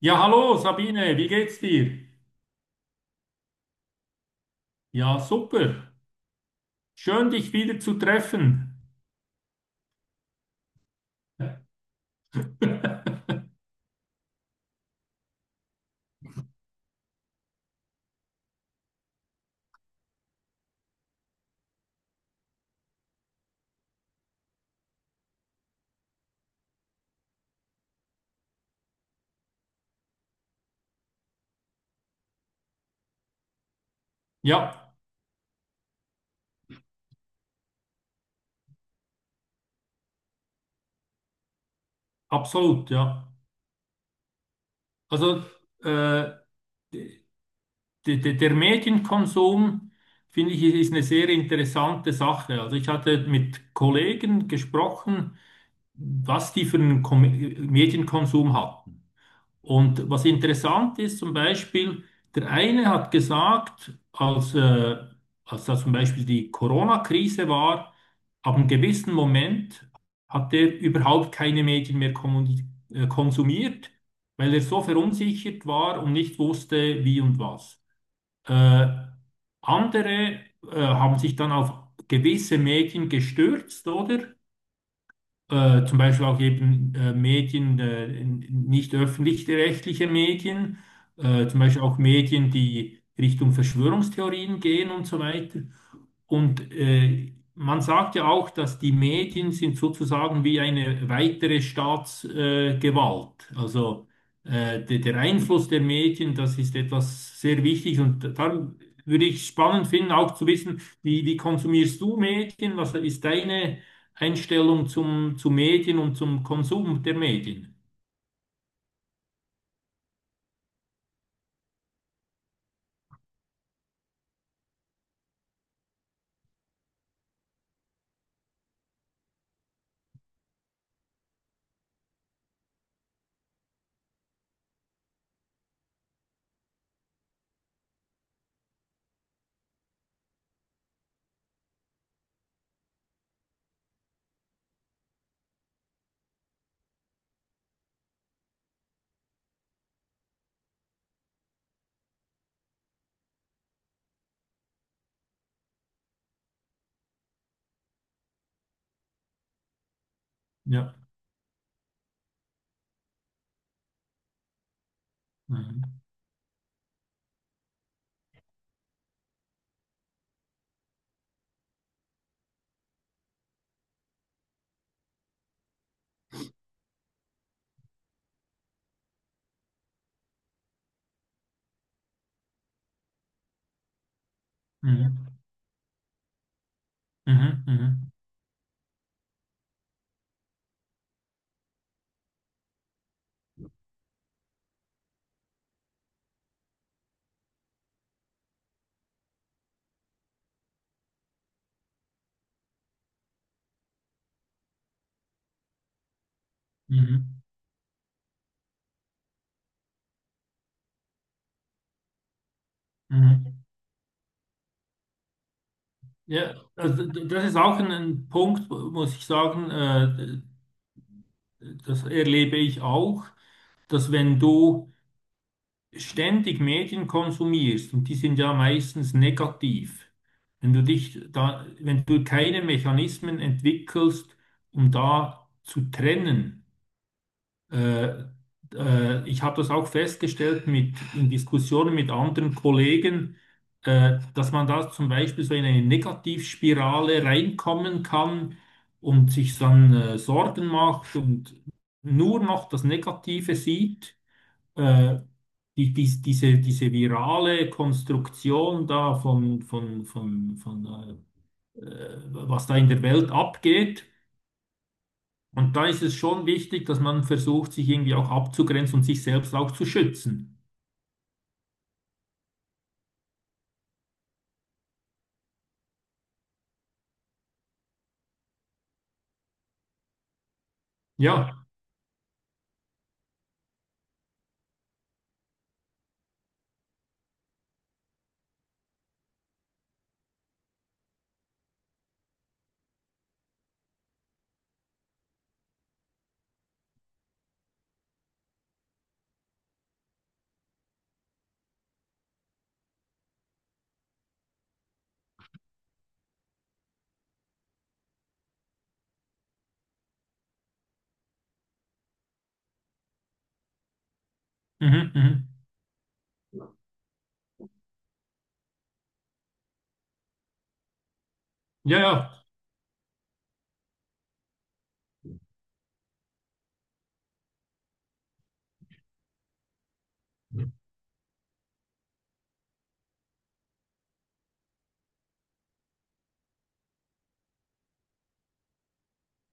Ja, hallo Sabine, wie geht's dir? Ja, super. Schön, dich wieder zu treffen. Ja, absolut, ja. Also äh, d- der Medienkonsum, finde ich, ist eine sehr interessante Sache. Also ich hatte mit Kollegen gesprochen, was die für einen Kom Medienkonsum hatten. Und was interessant ist, zum Beispiel, der eine hat gesagt, als da zum Beispiel die Corona-Krise war, ab einem gewissen Moment hat er überhaupt keine Medien mehr konsumiert, weil er so verunsichert war und nicht wusste, wie und was. Äh, Andere haben sich dann auf gewisse Medien gestürzt, oder? Zum Beispiel auch eben Medien, nicht öffentlich-rechtliche Medien, zum Beispiel auch Medien, die Richtung Verschwörungstheorien gehen und so weiter. Und man sagt ja auch, dass die Medien sind sozusagen wie eine weitere Staatsgewalt. Äh, Gewalt. also der Einfluss der Medien, das ist etwas sehr Wichtiges. Und da würde ich spannend finden, auch zu wissen, wie konsumierst du Medien? Was ist deine Einstellung zu Medien und zum Konsum der Medien? Ja. Mhm. Mhm. Mhm. Mhm. Mhm. Mhm. Ja, also das ist auch ein Punkt, muss ich sagen, das erlebe ich auch, dass wenn du ständig Medien konsumierst, und die sind ja meistens negativ, wenn du wenn du keine Mechanismen entwickelst, um da zu trennen, äh, ich habe das auch festgestellt in Diskussionen mit anderen Kollegen, dass man da zum Beispiel so in eine Negativspirale reinkommen kann und sich dann Sorgen macht und nur noch das Negative sieht. Äh, diese virale Konstruktion da von äh, äh, was da in der Welt abgeht. Und da ist es schon wichtig, dass man versucht, sich irgendwie auch abzugrenzen und sich selbst auch zu schützen. Ja, mhm, mhm. Ja, ja,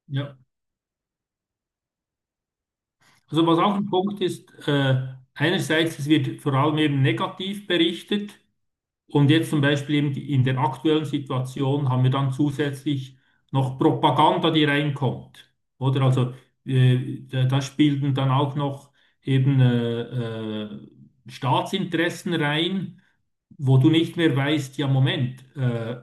ja. Also was auch ein Punkt ist, einerseits, es wird vor allem eben negativ berichtet, und jetzt zum Beispiel eben in der aktuellen Situation haben wir dann zusätzlich noch Propaganda, die reinkommt. Oder also da spielten dann auch noch eben äh, Staatsinteressen rein, wo du nicht mehr weißt, ja Moment,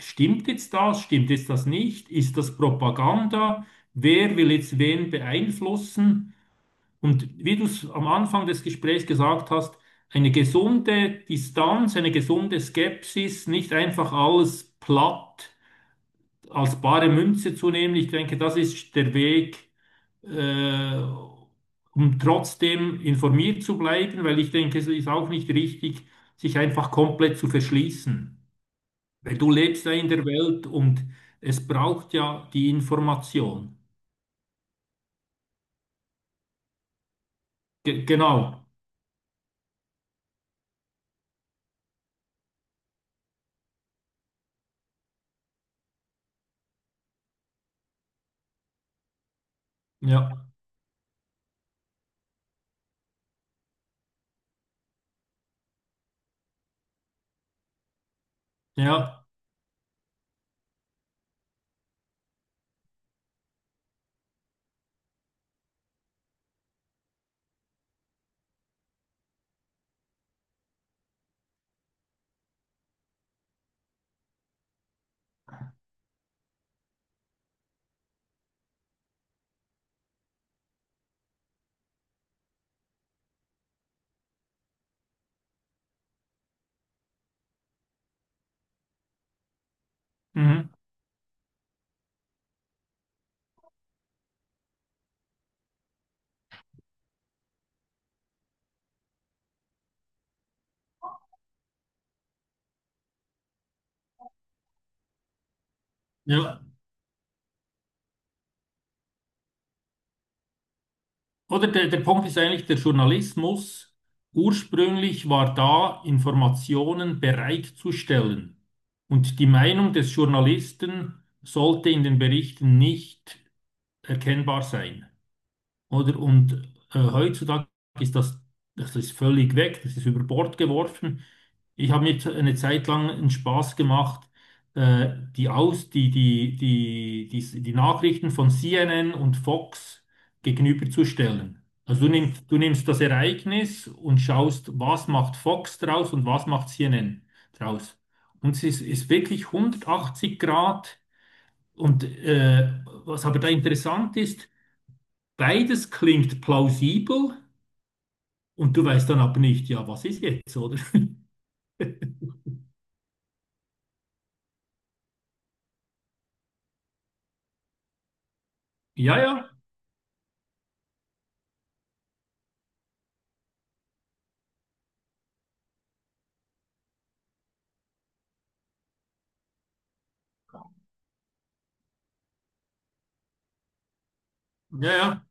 stimmt jetzt das nicht, ist das Propaganda, wer will jetzt wen beeinflussen? Und wie du es am Anfang des Gesprächs gesagt hast, eine gesunde Distanz, eine gesunde Skepsis, nicht einfach alles platt als bare Münze zu nehmen. Ich denke, das ist der Weg, äh, um trotzdem informiert zu bleiben, weil ich denke, es ist auch nicht richtig, sich einfach komplett zu verschließen. Weil Du lebst ja in der Welt und es braucht ja die Information. Ge genau. Ja, ja, mhm. Ja. Oder der, der Punkt ist eigentlich, der Journalismus ursprünglich war da, Informationen bereitzustellen. Und die Meinung des Journalisten sollte in den Berichten nicht erkennbar sein. Oder? Und heutzutage ist das, das ist völlig weg, das ist über Bord geworfen. Ich habe mir eine Zeit lang einen Spaß gemacht, äh, die Aus, die, die, die, die, die Nachrichten von CNN und Fox gegenüberzustellen. Also du nimmst das Ereignis und schaust, was macht Fox draus und was macht CNN draus. Und es ist wirklich 180 Grad. Und was aber da interessant ist, beides klingt plausibel und du weißt dann aber nicht, ja, was ist jetzt, oder? Ja, ja, ja, ja,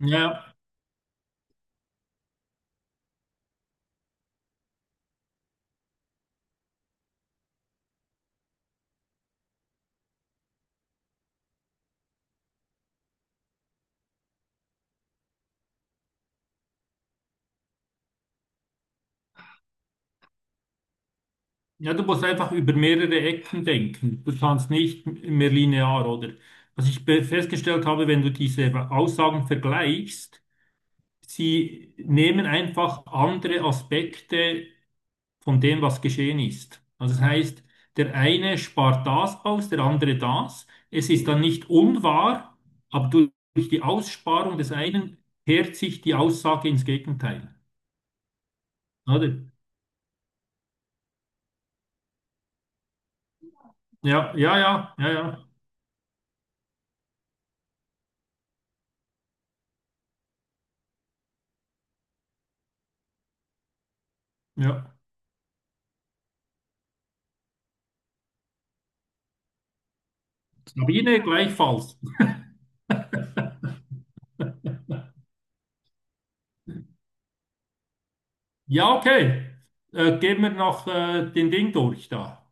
ja. Ja, du musst einfach über mehrere Ecken denken. Du kannst nicht mehr linear, oder? Was ich festgestellt habe, wenn du diese Aussagen vergleichst, sie nehmen einfach andere Aspekte von dem, was geschehen ist. Also das heißt, der eine spart das aus, der andere das. Es ist dann nicht unwahr, aber durch die Aussparung des einen kehrt sich die Aussage ins Gegenteil. Oder? Ja, ja, ja, ja, ja, ja. Sabine gleichfalls. Ja, okay. Gehen wir noch den Ding durch da.